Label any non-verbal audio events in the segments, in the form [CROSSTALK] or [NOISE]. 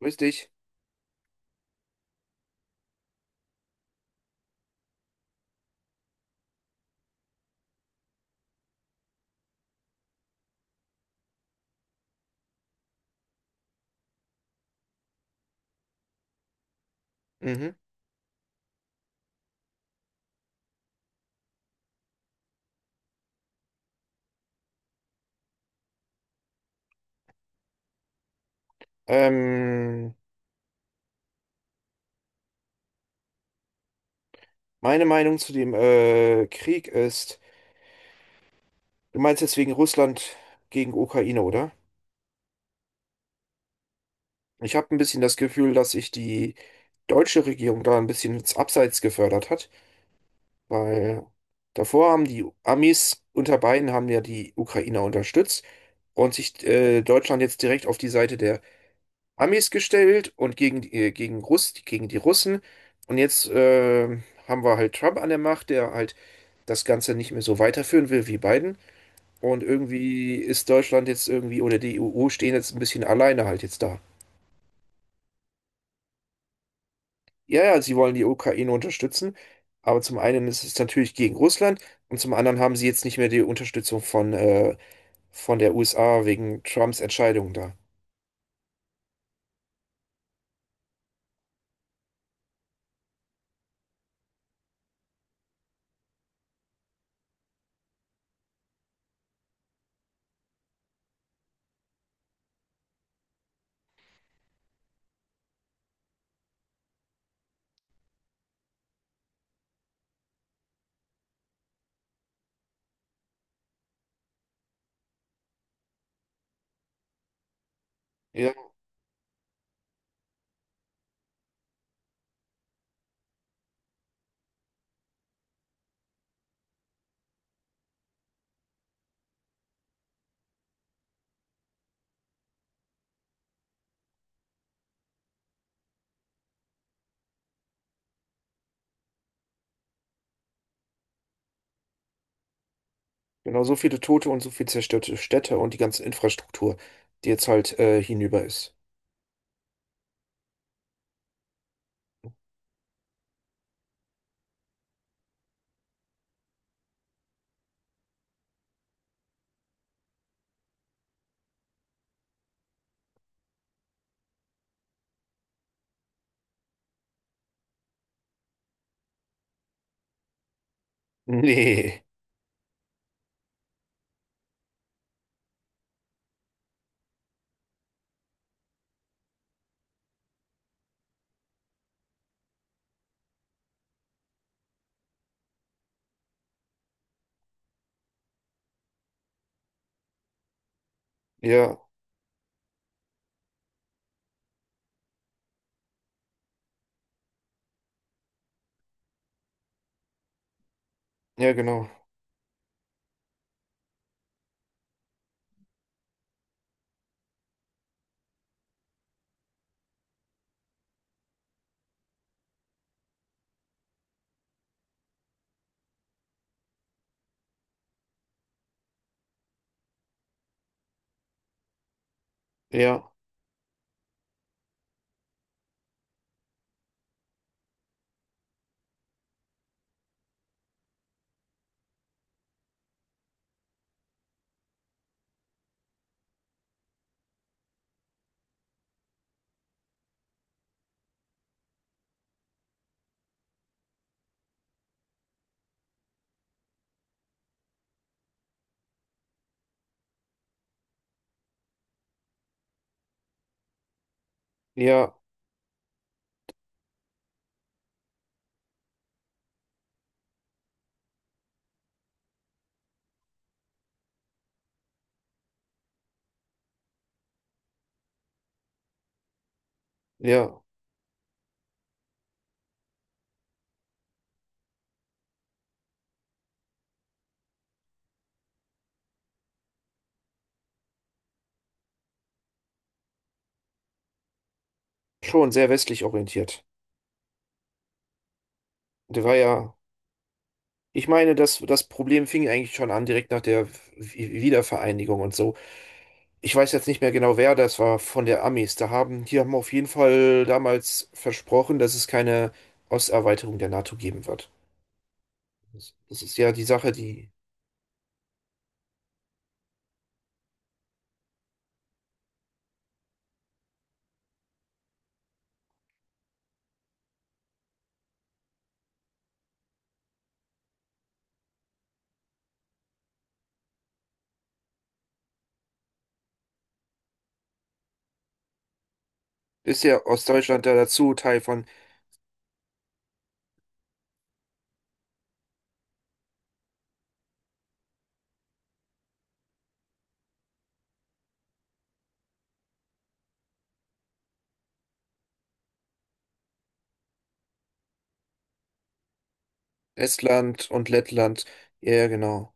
Grüß dich. Mhm. Ähm, Meine Meinung zu dem Krieg ist, du meinst jetzt wegen Russland gegen Ukraine, oder? Ich habe ein bisschen das Gefühl, dass sich die deutsche Regierung da ein bisschen ins Abseits gefördert hat, weil davor haben die Amis unter Biden haben ja die Ukrainer unterstützt und sich Deutschland jetzt direkt auf die Seite der Amis gestellt und gegen, gegen gegen die Russen. Und jetzt haben wir halt Trump an der Macht, der halt das Ganze nicht mehr so weiterführen will wie Biden. Und irgendwie ist Deutschland jetzt irgendwie oder die EU stehen jetzt ein bisschen alleine halt jetzt da. Ja, ja, sie wollen die Ukraine unterstützen, aber zum einen ist es natürlich gegen Russland und zum anderen haben sie jetzt nicht mehr die Unterstützung von der USA wegen Trumps Entscheidung da. Ja, genau, so viele Tote und so viel zerstörte Städte und die ganze Infrastruktur, die jetzt halt hinüber ist. Nee, ja, ja, genau, ja, ja, ja, schon sehr westlich orientiert. Der war ja, ich meine, das, das Problem fing eigentlich schon an, direkt nach der Wiedervereinigung und so. Ich weiß jetzt nicht mehr genau, wer das war von der Amis. Da haben, die haben auf jeden Fall damals versprochen, dass es keine Osterweiterung der NATO geben wird. Das, das ist ja die Sache, die ist ja Ostdeutschland da dazu, Teil von Estland und Lettland. Ja, ja, genau.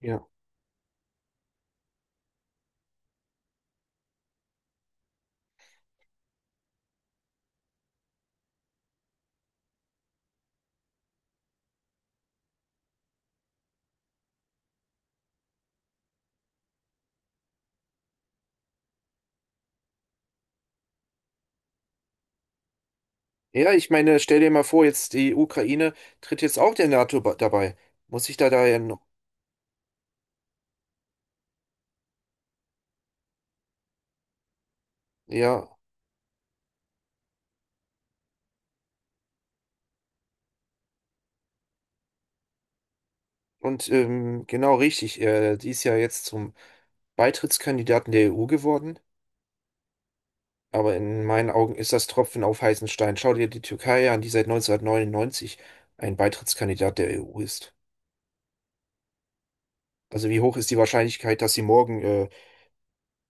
Ja. Ja, ich meine, stell dir mal vor, jetzt die Ukraine tritt jetzt auch der NATO dabei. Muss ich da da ja noch. Ja, und genau richtig, die ist ja jetzt zum Beitrittskandidaten der EU geworden, aber in meinen Augen ist das Tropfen auf heißen Stein. Schau dir die Türkei an, die seit 1999 ein Beitrittskandidat der EU ist. Also wie hoch ist die Wahrscheinlichkeit, dass sie morgen,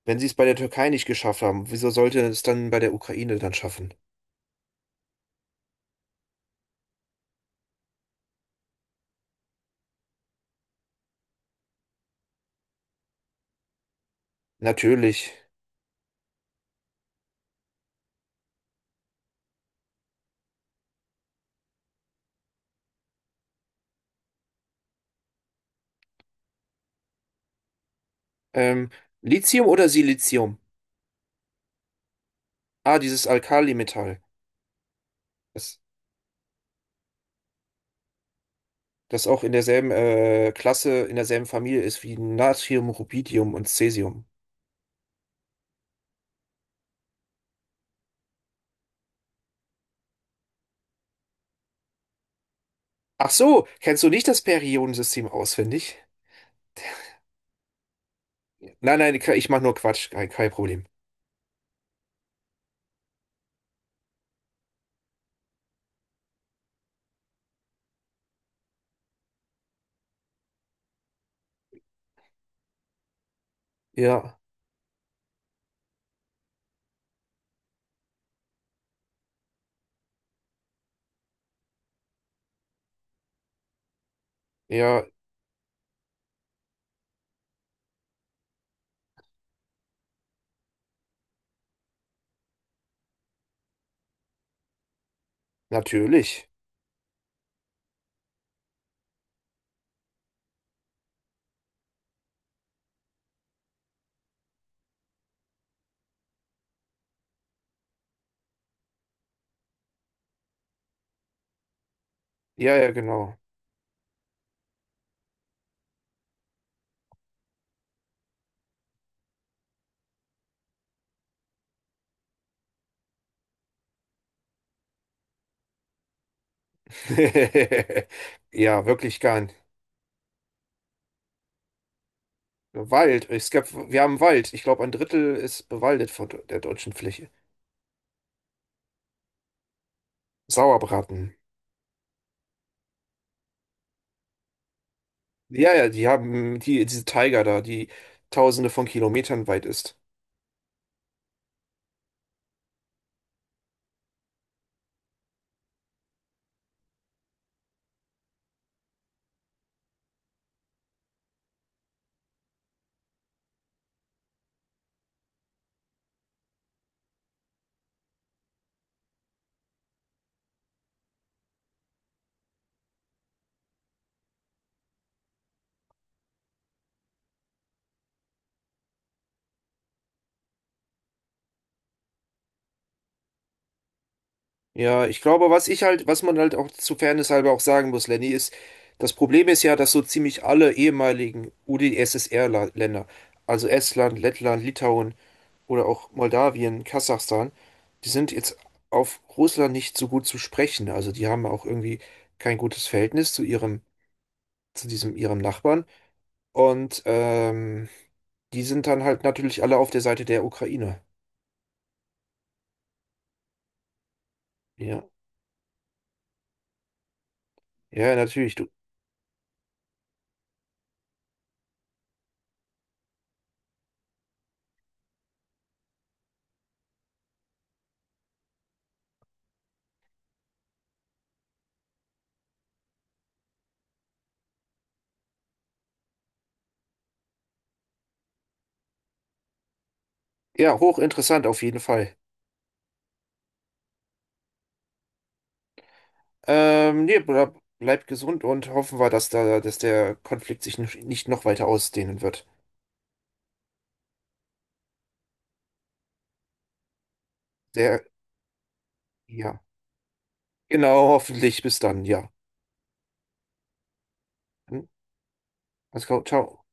wenn sie es bei der Türkei nicht geschafft haben, wieso sollte es dann bei der Ukraine dann schaffen? Natürlich. Ähm, Lithium oder Silizium? Ah, dieses Alkalimetall. Das das auch in derselben Klasse, in derselben Familie ist wie Natrium, Rubidium und Cäsium. Ach so, kennst du nicht das Periodensystem auswendig? Nein, nein, ich mache nur Quatsch, kein, kein Problem. Ja, ja, natürlich. Ja, ja, genau. [LAUGHS] Ja, wirklich gern. Wald, es gab, wir haben Wald. Ich glaube, ein Drittel ist bewaldet von der deutschen Fläche. Sauerbraten. Ja, ja, die haben die, diese Tiger da, die tausende von Kilometern weit ist. Ja, ich glaube, was ich halt, was man halt auch zu Fairness halber auch sagen muss, Lenny, ist, das Problem ist ja, dass so ziemlich alle ehemaligen UdSSR-Länder, also Estland, Lettland, Litauen oder auch Moldawien, Kasachstan, die sind jetzt auf Russland nicht so gut zu sprechen. Also die haben auch irgendwie kein gutes Verhältnis zu ihrem, zu diesem ihrem Nachbarn. Und die sind dann halt natürlich alle auf der Seite der Ukraine. Ja, ja, natürlich. Du, ja, hochinteressant auf jeden Fall. Nee, bleib gesund und hoffen wir, dass da, dass der Konflikt sich nicht noch weiter ausdehnen wird. Der, ja. Genau, hoffentlich. Bis dann, ja. Hm? Alles klar, ciao.